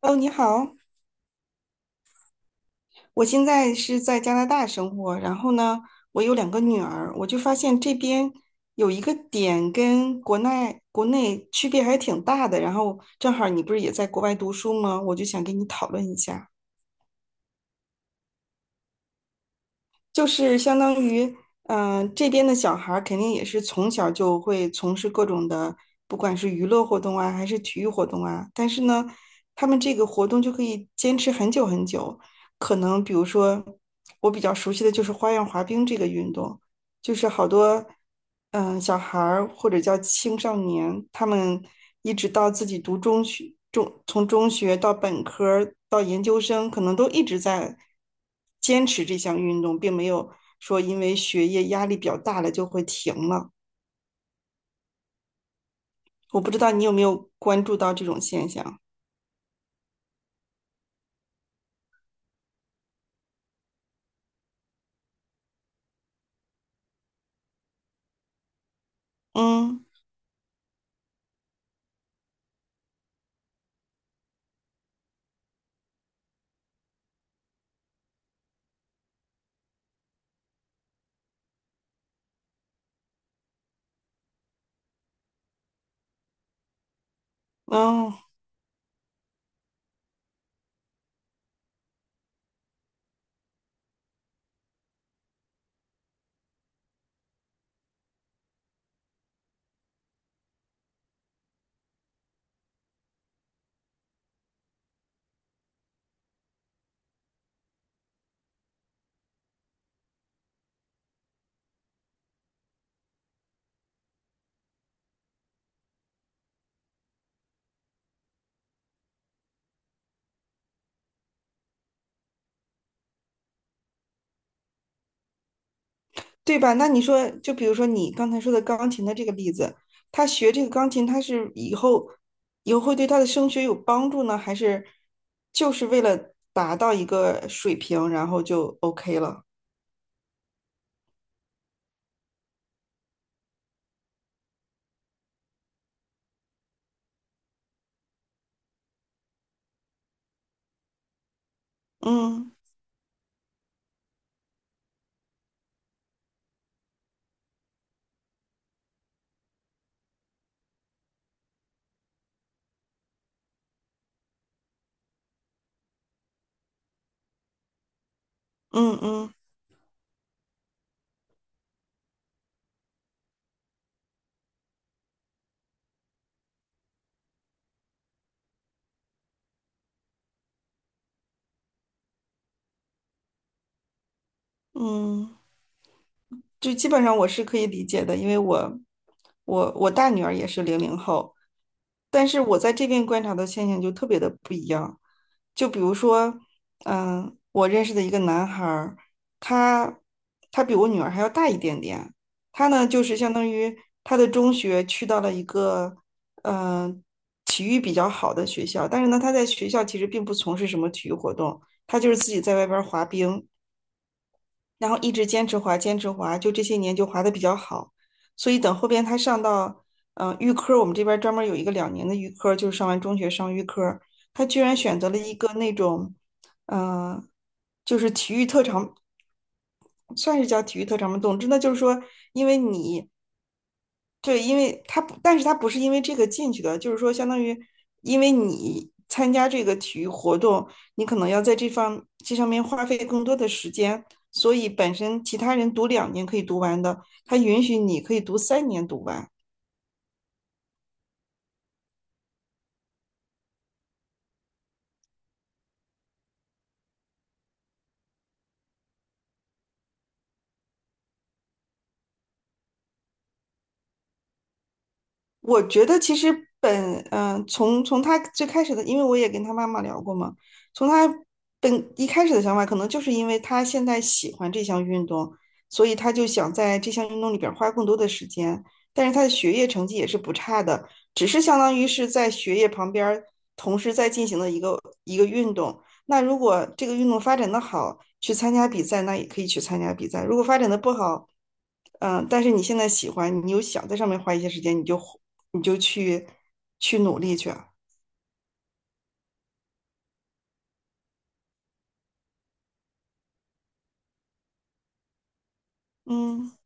哦，你好。我现在是在加拿大生活，然后呢，我有两个女儿，我就发现这边有一个点跟国内区别还挺大的，然后正好你不是也在国外读书吗？我就想跟你讨论一下。就是相当于，这边的小孩儿肯定也是从小就会从事各种的，不管是娱乐活动啊，还是体育活动啊。但是呢，他们这个活动就可以坚持很久很久。可能比如说，我比较熟悉的就是花样滑冰这个运动，就是好多小孩儿或者叫青少年，他们一直到自己读中学，从中学到本科儿到研究生，可能都一直在坚持这项运动，并没有说因为学业压力比较大了就会停了。我不知道你有没有关注到这种现象？嗯嗯，对吧？那你说，就比如说你刚才说的钢琴的这个例子，他学这个钢琴，他是以后会对他的升学有帮助呢，还是就是为了达到一个水平，然后就 OK 了？嗯嗯嗯嗯。就基本上我是可以理解的，因为我大女儿也是零零后，但是我在这边观察的现象就特别的不一样。就比如说，嗯，我认识的一个男孩儿，他他比我女儿还要大一点点，他呢就是相当于他的中学去到了一个嗯、呃体育比较好的学校，但是呢他在学校其实并不从事什么体育活动，他就是自己在外边儿滑冰。然后一直坚持滑，坚持滑，就这些年就滑的比较好。所以等后边他上到预科，我们这边专门有一个两年的预科，就是上完中学上预科，他居然选择了一个那种，嗯、呃就是体育特长。算是叫体育特长吗？总之呢，就是说，因为你对，因为他不，但是他不是因为这个进去的，就是说，相当于因为你参加这个体育活动，你可能要在这方这上面花费更多的时间，所以本身其他人读两年可以读完的，他允许你可以读三年读完。我觉得其实本嗯、呃从从他最开始的，因为我也跟他妈妈聊过嘛，从他一开始的想法，可能就是因为他现在喜欢这项运动，所以他就想在这项运动里边儿花更多的时间。但是他的学业成绩也是不差的，只是相当于是在学业旁边儿同时在进行的一个运动。那如果这个运动发展的好，去参加比赛，那也可以去参加比赛。如果发展的不好，但是你现在喜欢，你又想在上面花一些时间，你就去努力去啊嗯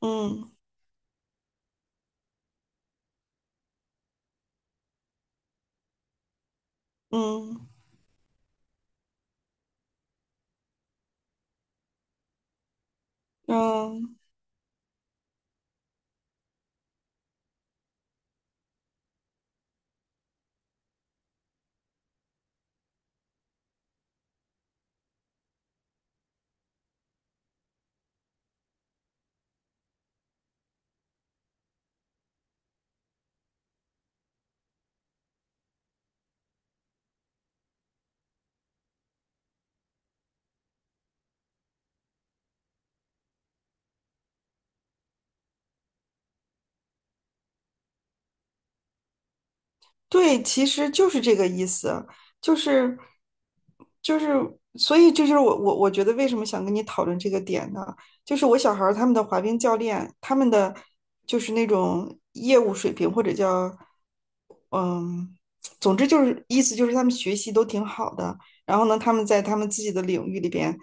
嗯嗯嗯。嗯对，其实就是这个意思，就是就是，所以这就是我觉得为什么想跟你讨论这个点呢？就是我小孩儿他们的滑冰教练，他们的就是那种业务水平或者叫嗯，总之就是意思就是他们学习都挺好的，然后呢，他们在他们自己的领域里边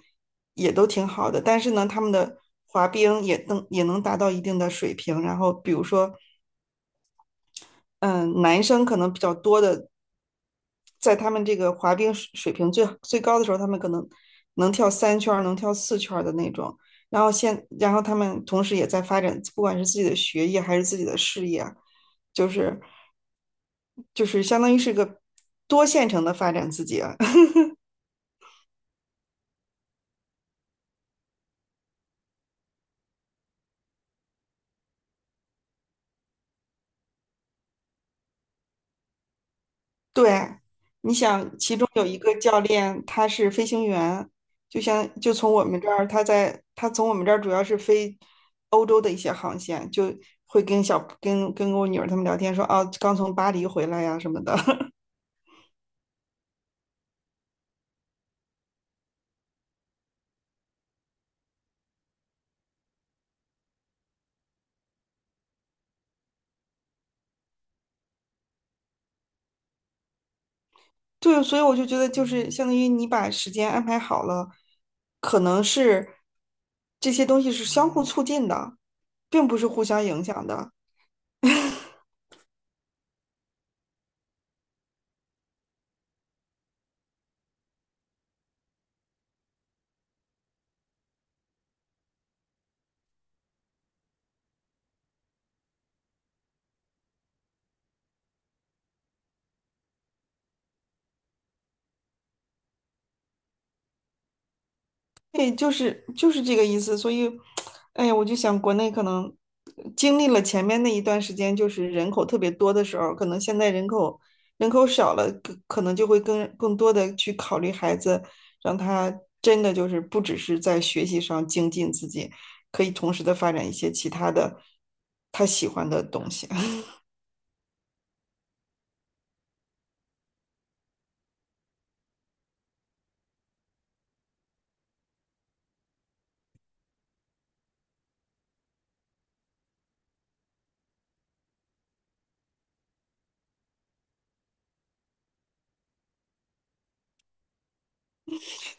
也都挺好的，但是呢，他们的滑冰也能达到一定的水平，然后比如说。嗯，男生可能比较多的在他们这个滑冰水平最高的时候，他们可能能跳三圈儿，能跳四圈儿的那种。然后然后他们同时也在发展，不管是自己的学业还是自己的事业，就是就是相当于是个多线程的发展自己啊对，你想，其中有一个教练，他是飞行员，就从我们这儿，他从我们这儿主要是飞欧洲的一些航线，就会跟小跟跟我女儿他们聊天说，啊，刚从巴黎回来呀、什么的。对，所以我就觉得，就是相当于你把时间安排好了，可能是这些东西是相互促进的，并不是互相影响的。对，就是这个意思，所以，哎呀，我就想国内可能经历了前面那一段时间，就是人口特别多的时候，可能现在人口少了，可能就会更多的去考虑孩子，让他真的就是不只是在学习上精进自己，可以同时的发展一些其他的他喜欢的东西。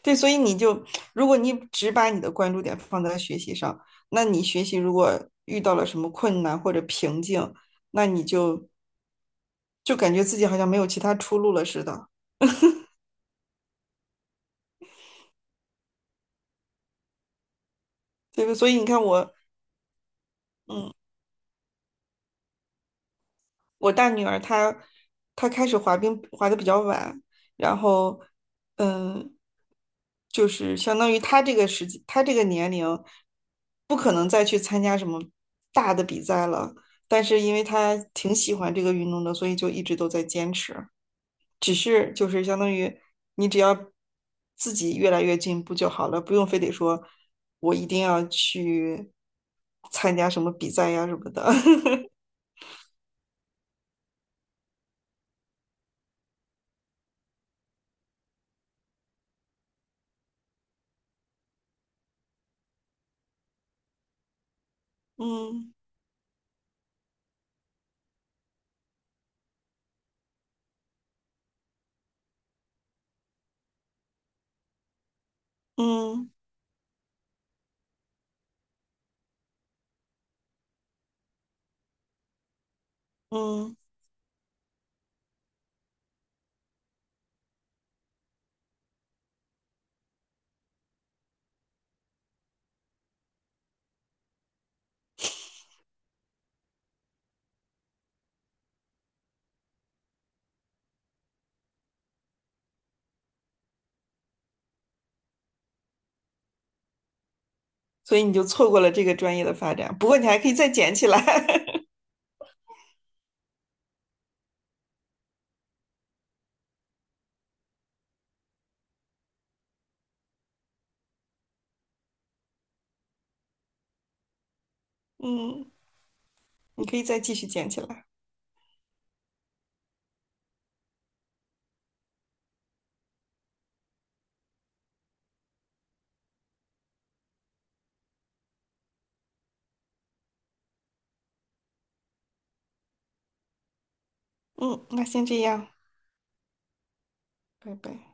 对，所以你就，如果你只把你的关注点放在学习上，那你学习如果遇到了什么困难或者瓶颈，那你就感觉自己好像没有其他出路了似的，对吧？所以你看我，我大女儿她开始滑冰滑的比较晚，然后嗯，就是相当于她这个时期她这个年龄不可能再去参加什么大的比赛了。但是因为她挺喜欢这个运动的，所以就一直都在坚持。只是就是相当于你只要自己越来越进步就好了，不用非得说我一定要去参加什么比赛呀什么的。嗯嗯嗯。所以你就错过了这个专业的发展。不过你还可以再捡起来，嗯，你可以再继续捡起来，嗯，那先这样，拜拜。